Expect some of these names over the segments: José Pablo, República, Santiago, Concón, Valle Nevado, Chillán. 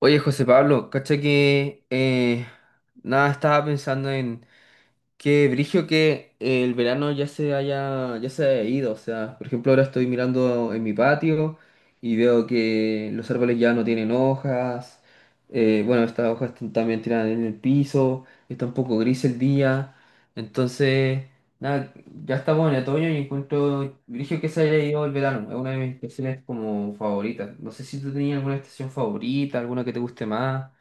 Oye, José Pablo, cacha que nada, estaba pensando en, qué brillo que el verano ya se haya ido. O sea, por ejemplo, ahora estoy mirando en mi patio y veo que los árboles ya no tienen hojas. Bueno, estas hojas están también tiradas en el piso. Está un poco gris el día. Entonces, nada, ya estamos en otoño y encuentro brillo que se haya ido el verano. Es una de mis estaciones como favoritas. No sé si tú tenías alguna estación favorita, alguna que te guste más.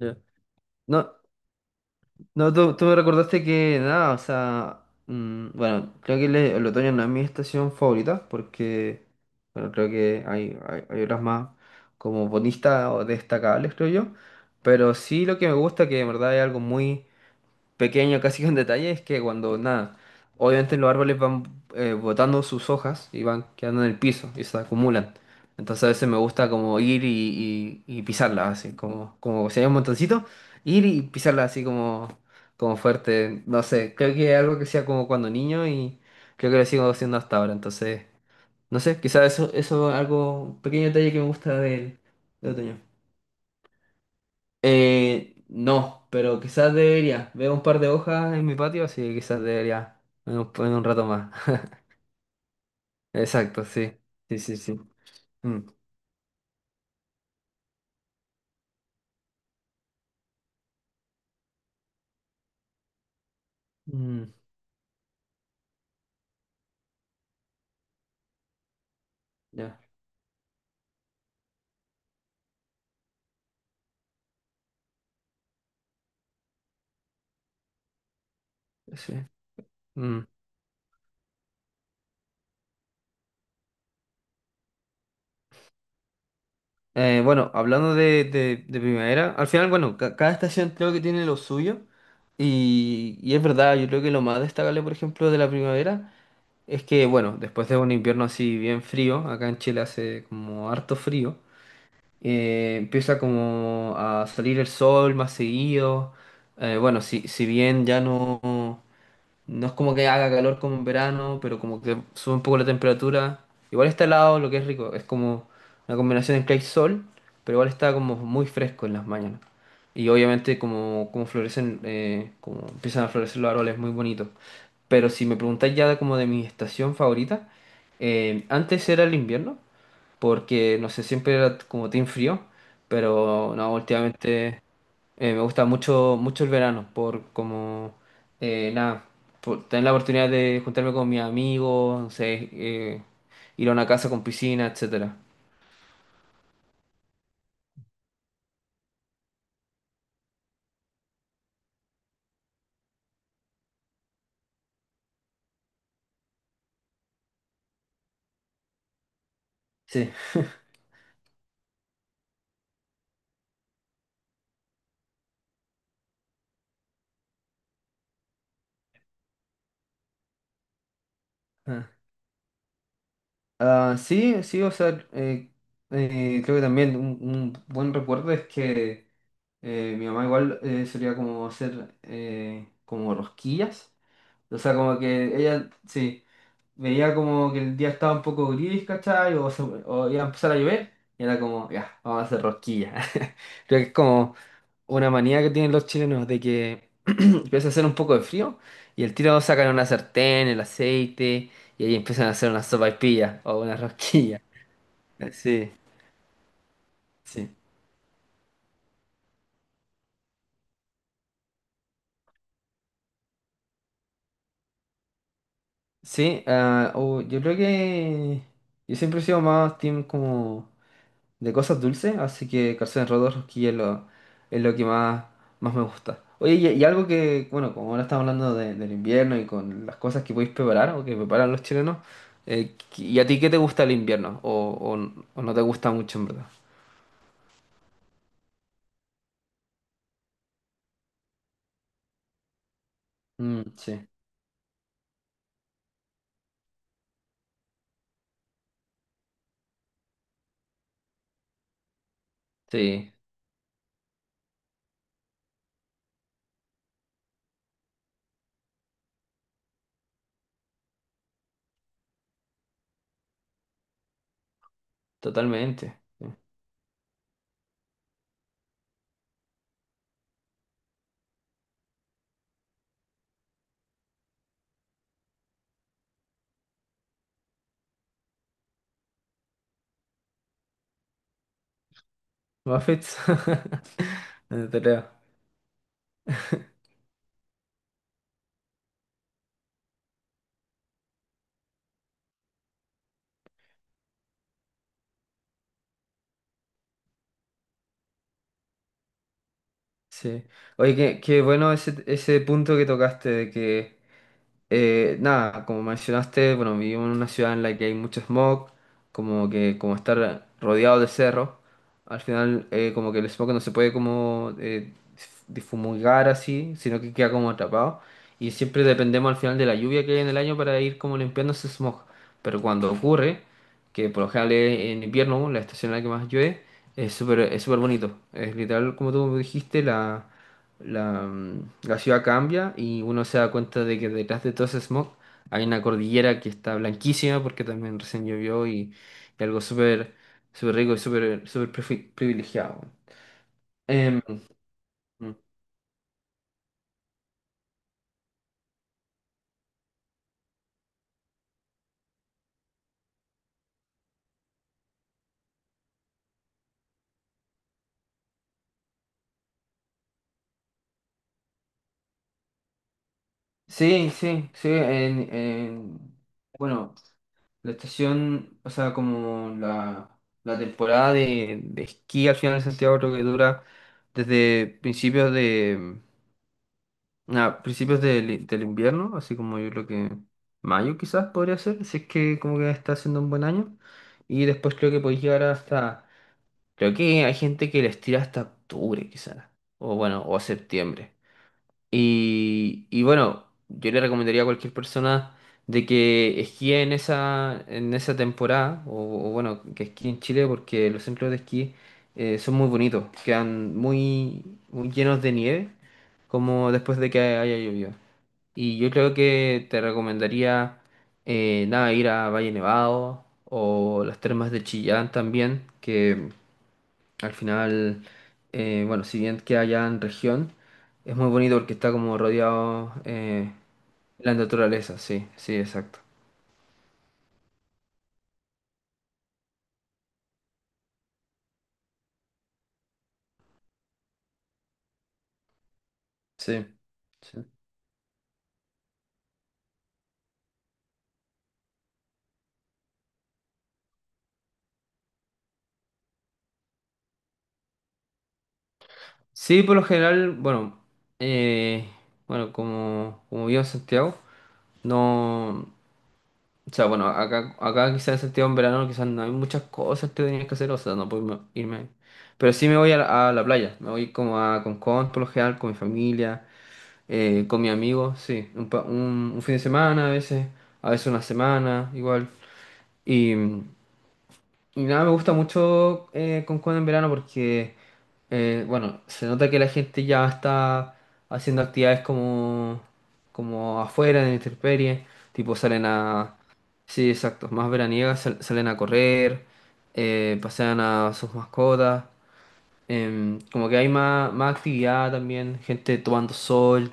Ya. No. No, tú me recordaste que nada, o sea, mm, bueno, creo que el otoño no es mi estación favorita porque, bueno, creo que hay otras más como bonistas o destacables, creo yo, pero sí lo que me gusta que de verdad es algo muy pequeño, casi un detalle, es que cuando nada, obviamente los árboles van botando sus hojas y van quedando en el piso y se acumulan. Entonces a veces me gusta como ir y pisarlas, así como, como si hay un montoncito, ir y pisarlas así como, como fuerte. No sé, creo que es algo que sea como cuando niño y creo que lo sigo haciendo hasta ahora. Entonces, no sé, quizás eso, eso es algo, un pequeño detalle que me gusta del, del otoño. No, pero quizás debería. Veo un par de hojas en mi patio, así que quizás debería en un rato más. Exacto, sí. Sí, sí, sí. Mm. Mm, ya, sí. Mm. Bueno, hablando de primavera, al final, bueno, cada estación creo que tiene lo suyo. Y es verdad, yo creo que lo más destacable, por ejemplo, de la primavera es que, bueno, después de un invierno así bien frío, acá en Chile hace como harto frío. Empieza como a salir el sol más seguido. Bueno, si, si bien ya no, no es como que haga calor como en verano, pero como que sube un poco la temperatura. Igual está helado, lo que es rico. Es como una combinación entre el sol, pero igual está como muy fresco en las mañanas. Y obviamente como, como florecen, como empiezan a florecer los árboles, muy bonito. Pero si me preguntáis ya como de mi estación favorita, antes era el invierno, porque no sé, siempre era como team frío, pero no, últimamente me gusta mucho, mucho el verano, por como, nada, por tener la oportunidad de juntarme con mis amigos, no sé, ir a una casa con piscina, etcétera. Sí. Ah, ah, sí, sí, o sea, creo que también un buen recuerdo es que mi mamá igual solía como hacer como rosquillas. O sea, como que ella, sí veía como que el día estaba un poco gris, ¿cachai? O, o iba a empezar a llover, y era como, ya, vamos a hacer rosquillas. Creo que es como una manía que tienen los chilenos de que empieza a hacer un poco de frío y el tiro sacan una sartén, el aceite, y ahí empiezan a hacer una sopaipilla o una rosquilla. Sí, sí. Sí, ah, o yo creo que yo siempre he sido más team como de cosas dulces, así que calzones rotos, rosquillas es lo que más, más me gusta. Oye, y algo que, bueno, como ahora estamos hablando de- del invierno y con las cosas que podéis preparar o que preparan los chilenos, ¿y a ti qué te gusta el invierno? O no te gusta mucho, en verdad? Mm, sí, sí, totalmente. Sí. Muffets. No te creo. Sí. Oye, qué, qué bueno ese punto que tocaste de que nada, como mencionaste, bueno, vivimos en una ciudad en la que hay mucho smog, como que como estar rodeado de cerros al final como que el smog no se puede como difumigar así, sino que queda como atrapado. Y siempre dependemos al final de la lluvia que hay en el año para ir como limpiando ese smog. Pero cuando ocurre, que por lo general es en invierno, la estación en la que más llueve, es súper bonito. Es literal, como tú dijiste, la la, la ciudad cambia y uno se da cuenta de que detrás de todo ese smog hay una cordillera que está blanquísima porque también recién llovió y algo súper súper rico y súper súper privilegiado. Em, sí, sí, sí. Bueno, la estación, o sea, como la temporada de esquí al final de Santiago creo que dura desde principios de a principios del, del invierno, así como yo creo que mayo quizás podría ser, si es que como que está haciendo un buen año. Y después creo que podéis llegar hasta, creo que hay gente que les tira hasta octubre quizás, o bueno, o septiembre. Y bueno, yo le recomendaría a cualquier persona de que esquíe en esa temporada, o bueno, que esquíe en Chile porque los centros de esquí son muy bonitos, quedan muy, muy llenos de nieve, como después de que haya llovido. Y yo creo que te recomendaría nada, ir a Valle Nevado o las termas de Chillán también, que al final, bueno, si bien queda allá en región, es muy bonito porque está como rodeado de la naturaleza, sí, sí, exacto. Sí, sí. Sí, por lo general, bueno, eh, bueno, como, como vivo en Santiago, no. O sea, bueno, acá, acá quizás en Santiago en verano quizás no hay muchas cosas que tenías que hacer, o sea, no puedo irme. Pero sí me voy a la playa, me voy como a Concón por lo general, con mi familia, con mis amigos, sí, un, un fin de semana a veces una semana, igual. Y, y nada, me gusta mucho Concón en verano porque, bueno, se nota que la gente ya está haciendo actividades como, como afuera, en la intemperie, tipo salen a... Sí, exacto, más veraniegas, salen a correr, pasean a sus mascotas, em, como que hay más, más actividad también, gente tomando sol,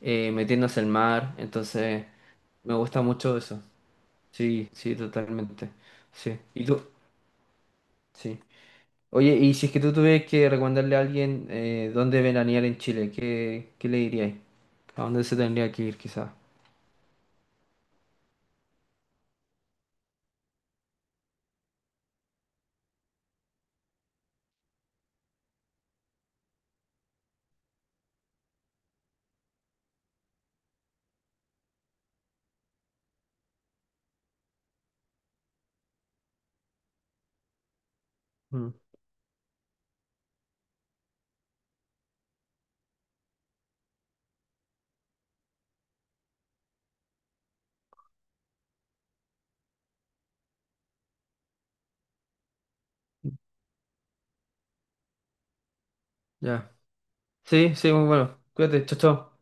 metiéndose al mar, entonces me gusta mucho eso. Sí, sí, totalmente. Sí. ¿Y tú? Sí. Oye, y si es que tú tuvieras que recomendarle a alguien dónde veranear en Chile, ¿qué, qué le dirías? ¿A dónde se tendría que ir quizás? Mm, ya. Sí, sí, muy bueno. Cuídate, chao, chao.